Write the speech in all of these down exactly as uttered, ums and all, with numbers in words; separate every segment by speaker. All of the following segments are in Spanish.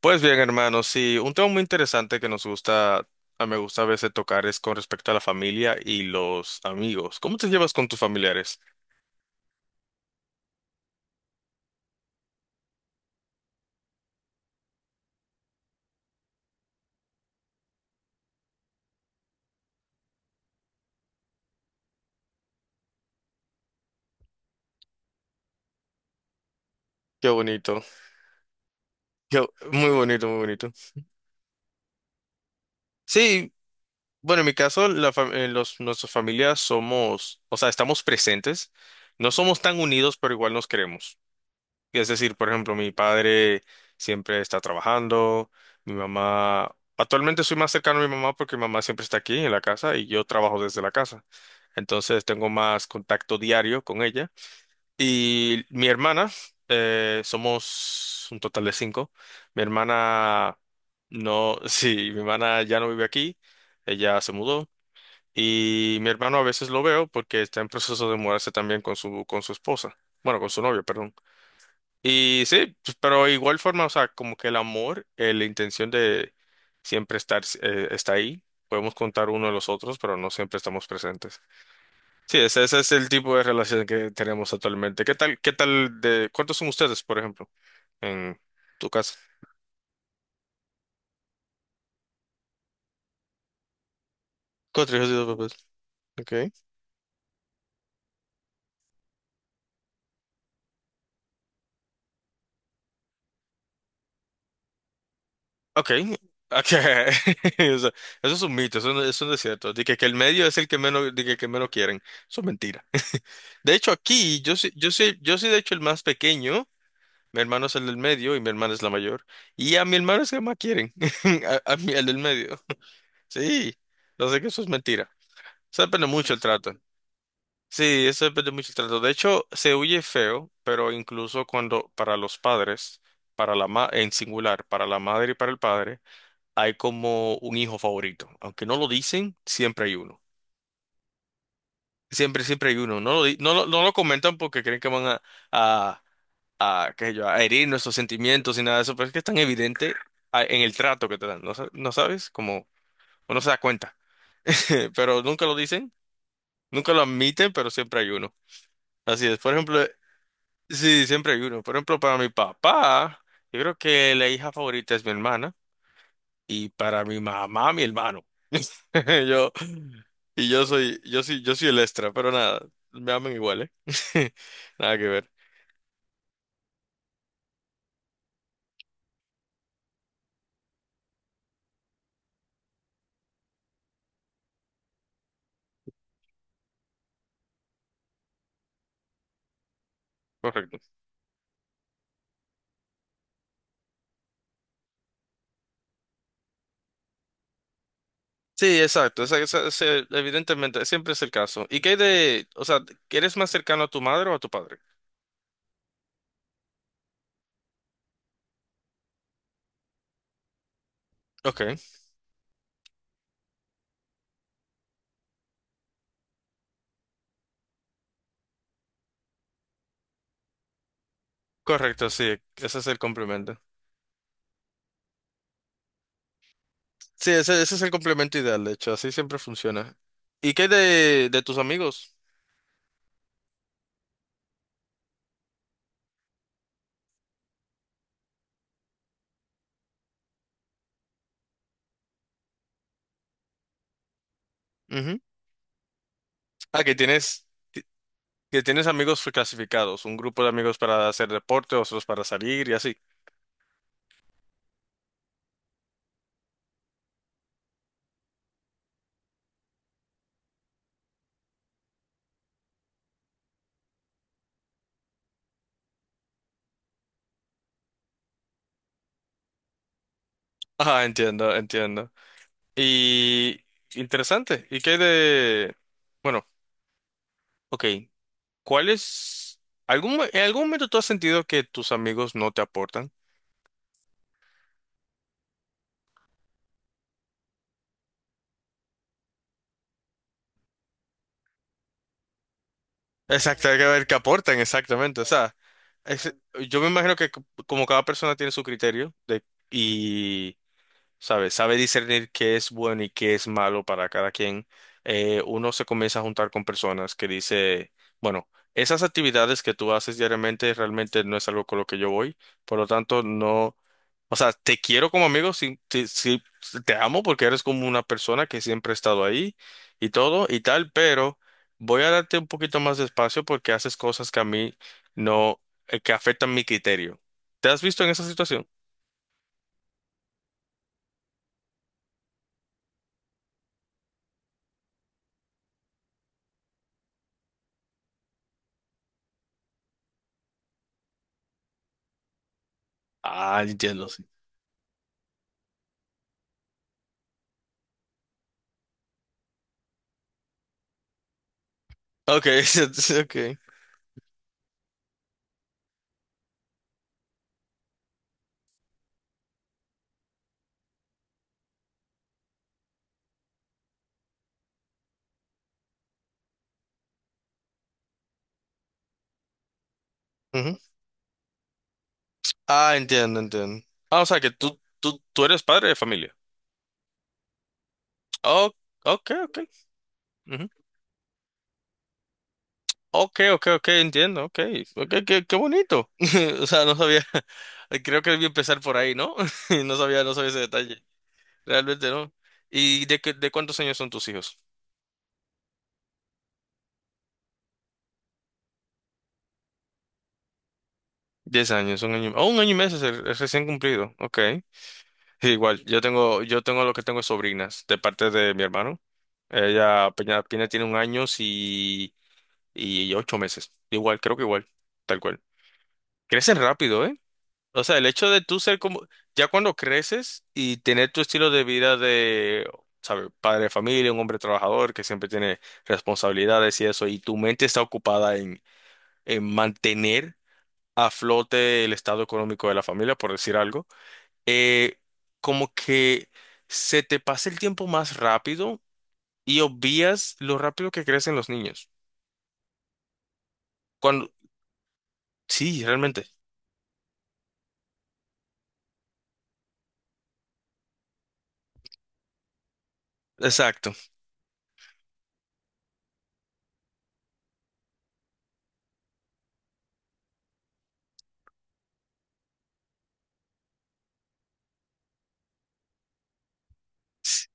Speaker 1: Pues bien, hermanos. Sí, un tema muy interesante que nos gusta, a me gusta a veces tocar es con respecto a la familia y los amigos. ¿Cómo te llevas con tus familiares? Qué bonito, qué- muy bonito, muy bonito. Sí, bueno, en mi caso, la fam- eh, los, nuestras familias somos, o sea, estamos presentes, no somos tan unidos, pero igual nos queremos. Es decir, por ejemplo, mi padre siempre está trabajando, mi mamá, actualmente soy más cercano a mi mamá porque mi mamá siempre está aquí en la casa y yo trabajo desde la casa. Entonces tengo más contacto diario con ella. Y mi hermana, eh, somos un total de cinco. Mi hermana no, sí, mi hermana ya no vive aquí, ella se mudó. Y mi hermano a veces lo veo porque está en proceso de mudarse también con su, con su esposa, bueno, con su novio, perdón. Y sí, pues, pero igual forma, o sea, como que el amor, eh, la intención de siempre estar, eh, está ahí. Podemos contar uno de los otros, pero no siempre estamos presentes. Sí, ese, ese es el tipo de relación que tenemos actualmente. ¿Qué tal, qué tal de, Cuántos son ustedes, por ejemplo, en tu casa? Cuatro hijos y dos papás. Okay. Okay. Okay. O sea, eso es un mito, eso no, eso no es cierto. Dije que, que el medio es el que menos, dije que que menos quieren. Eso es mentira. De hecho, aquí yo soy, yo soy, yo soy de hecho el más pequeño. Mi hermano es el del medio y mi hermana es la mayor. Y a mi hermano es que más quieren. A, a mí, el del medio. Sí, lo sé que eso es mentira. Eso depende mucho el trato. Sí, eso depende mucho el trato. De hecho, se huye feo, pero incluso cuando para los padres, para la ma en singular, para la madre y para el padre, hay como un hijo favorito. Aunque no lo dicen, siempre hay uno. Siempre, siempre hay uno. No lo, di- no, lo no lo comentan porque creen que van a, a, qué sé yo, a herir nuestros sentimientos y nada de eso, pero es que es tan evidente a- en el trato que te dan, ¿no, sa- no sabes? Como uno se da cuenta, pero nunca lo dicen, nunca lo admiten, pero siempre hay uno. Así es, por ejemplo, eh, sí, siempre hay uno. Por ejemplo, para mi papá, yo creo que la hija favorita es mi hermana y para mi mamá, mi hermano. Yo, y yo soy, yo soy, yo soy el extra, pero nada, me aman igual, ¿eh? Nada que ver. Correcto. Sí, exacto, esa- esa- ese- evidentemente, siempre es el caso. ¿Y qué hay de, o sea, eres más cercano a tu madre o a tu padre? Ok, correcto, sí, ese es el complemento. Sí, ese, ese es el complemento ideal, de hecho, así siempre funciona. ¿Y qué hay de, de tus amigos? Ujú. Ah, que tienes, que que tienes amigos clasificados, un grupo de amigos para hacer deporte, otros para salir y así. Ah, entiendo, entiendo. Y interesante, ¿y qué hay de, bueno, ok. ¿Cuál es? ¿Algún, mo- en algún momento tú has sentido que tus amigos no te aportan? Exacto, hay que ver qué aportan exactamente. O sea, es- yo me imagino que c- como cada persona tiene su criterio de, y sabe, sabe discernir qué es bueno y qué es malo para cada quien, eh, uno se comienza a juntar con personas que dice, bueno, esas actividades que tú haces diariamente realmente no es algo con lo que yo voy, por lo tanto, no, o sea, te quiero como amigo, sí, sí, sí, te amo porque eres como una persona que siempre ha estado ahí y todo y tal, pero voy a darte un poquito más de espacio porque haces cosas que a mí no, eh, que afectan mi criterio. ¿Te has visto en esa situación? Ah, entiendo, sí. Okay, okay. Ujú. Ah, entiendo, entiendo. Ah, o sea que tú, tú, tú eres padre de familia. Oh, ok, ok. Ujú. Ok, ok, ok, entiendo, ok. Ok, qué, qué bonito. O sea, no sabía. Creo que debí empezar por ahí, ¿no? No sabía, no sabía ese detalle. Realmente no. ¿Y de, qué- de cuántos años son tus hijos? Diez años, un año. Oh, un año y meses, es es recién cumplido. Ok. Sí, igual, yo tengo, yo tengo lo que tengo es sobrinas de parte de mi hermano. Ella apenas apenas tiene un año y, y ocho meses. Igual, creo que igual, tal cual. Crecen rápido, ¿eh? O sea, el hecho de tú ser como, ya cuando creces y tener tu estilo de vida de, ¿sabes? Padre de familia, un hombre trabajador que siempre tiene responsabilidades y eso, y tu mente está ocupada eh, mantener a flote el estado económico de la familia, por decir algo, eh, como que se te pasa el tiempo más rápido y obvias lo rápido que crecen los niños. Cuando, sí, realmente. Exacto.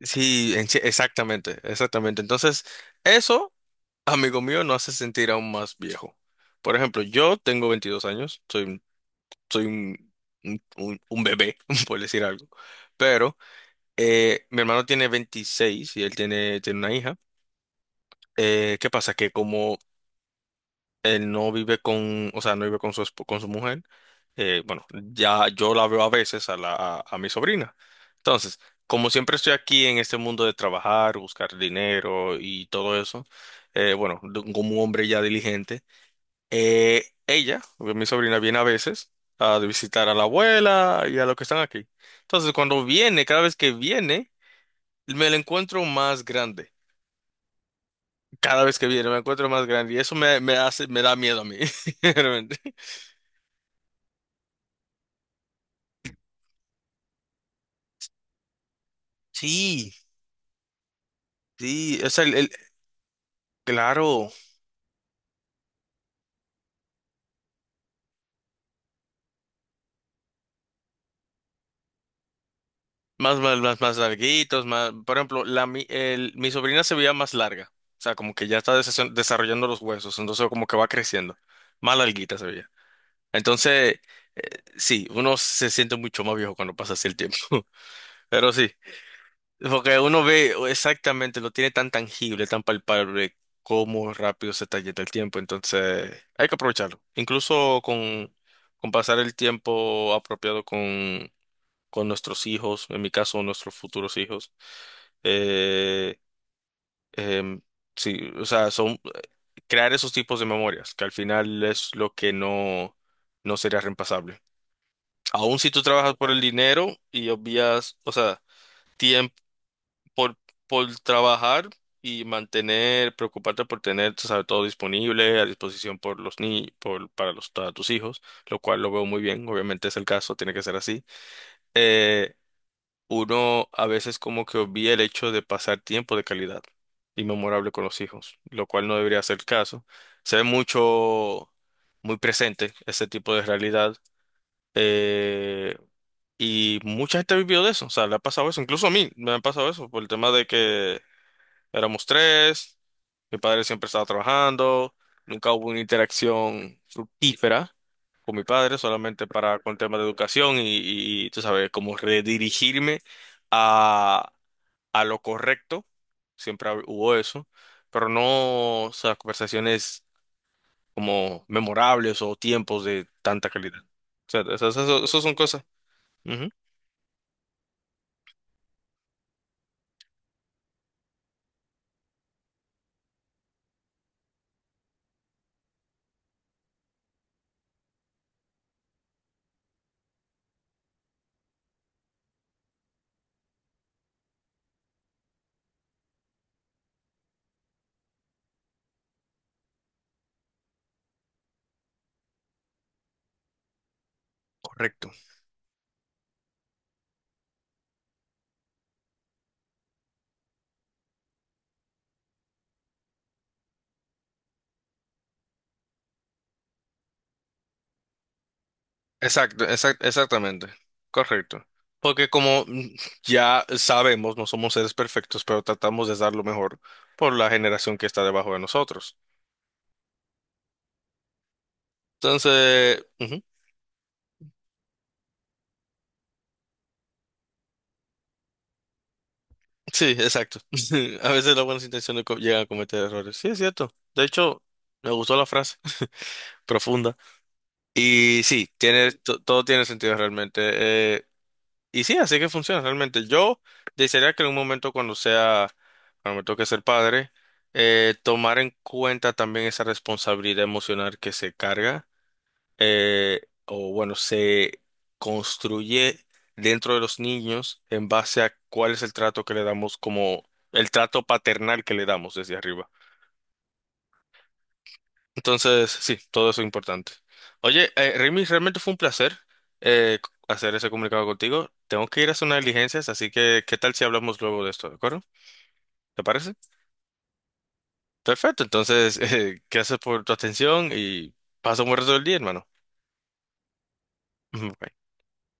Speaker 1: Sí, en sí- exactamente, exactamente. Entonces, eso, amigo mío, no hace sentir aún más viejo. Por ejemplo, yo tengo 22 años, soy, un- soy un, un, un- un bebé, por decir algo, pero Eh, mi hermano tiene veintiséis y él tiene, tiene una hija. Eh, ¿qué pasa? Que como él no vive con, o sea, no vive con su, esp- con su mujer, eh, bueno, ya yo la veo a veces a, la, a, a mi sobrina. Entonces, como siempre estoy aquí en este mundo de trabajar, buscar dinero y todo eso, eh, bueno, de- como un hombre ya diligente, eh, ella, mi sobrina, viene a veces a visitar a la abuela y a los que están aquí. Entonces, cuando viene, cada vez que viene, me la encuentro más grande. Cada vez que viene me encuentro más grande y eso me, me hace, me da miedo a mí, realmente. Sí, sí, es el, el- claro, más, más, más, más larguitos, más, por ejemplo, la, mi, el- mi sobrina se veía más larga, o sea, como que ya está desa- desarrollando los huesos, entonces como que va creciendo, más larguita se veía. Entonces, eh, sí, uno se siente mucho más viejo cuando pasa así el tiempo, pero sí. Porque uno ve exactamente, lo tiene tan tangible, tan palpable, cómo rápido se talleta el tiempo. Entonces, hay que aprovecharlo. Incluso con, con pasar el tiempo apropiado con, con nuestros hijos, en mi caso, nuestros futuros hijos. Eh, em, sí, o sea, son crear esos tipos de memorias, que al final es lo que no, no sería reemplazable. Aún si tú trabajas por el dinero y obvias, o sea, tiempo por, por trabajar y mantener, preocuparte por tener, tú sabes, todo disponible a disposición por los ni por, para los, para tus hijos, lo cual lo veo muy bien, obviamente es el caso, tiene que ser así. Eh, uno a veces como que obvia el hecho de pasar tiempo de calidad y memorable con los hijos, lo cual no debería ser el caso. Se ve mucho, muy presente ese tipo de realidad. Eh, y mucha gente ha vivido de eso, o sea, le ha pasado eso, incluso a mí me ha pasado eso por el tema de que éramos tres, mi padre siempre estaba trabajando, nunca hubo una interacción fructífera con mi padre, solamente para con temas de educación y, y, tú sabes, como redirigirme a, a lo correcto, siempre hab- hubo eso, pero no, o sea, conversaciones como memorables o tiempos de tanta calidad. O sea, esas, esas- esas son cosas. Ujú. Correcto. Exacto, exact- exactamente. Correcto. Porque como mm, ya sabemos, no somos seres perfectos, pero tratamos de dar lo mejor por la generación que está debajo de nosotros. Entonces, ujú. Sí, exacto. A veces las buenas intenciones co- llegan a cometer errores. Sí, es cierto. De hecho, me gustó la frase profunda. Y sí, tiene, to- todo tiene sentido realmente. Eh, Y sí, así que funciona realmente. Yo desearía que en un momento cuando sea, cuando me toque ser padre, eh, tomar en cuenta también esa responsabilidad emocional que se carga, eh, o bueno, se construye dentro de los niños en base a cuál es el trato que le damos como el trato paternal que le damos desde arriba. Entonces, sí, todo eso es importante. Oye, eh, Remy, realmente fue un placer eh, c- hacer ese comunicado contigo. Tengo que ir a hacer unas diligencias, así que ¿qué tal si hablamos luego de esto? ¿De acuerdo? ¿Te parece? Perfecto, entonces, eh, gracias por tu atención y pasa un buen resto del día, hermano. Ujú.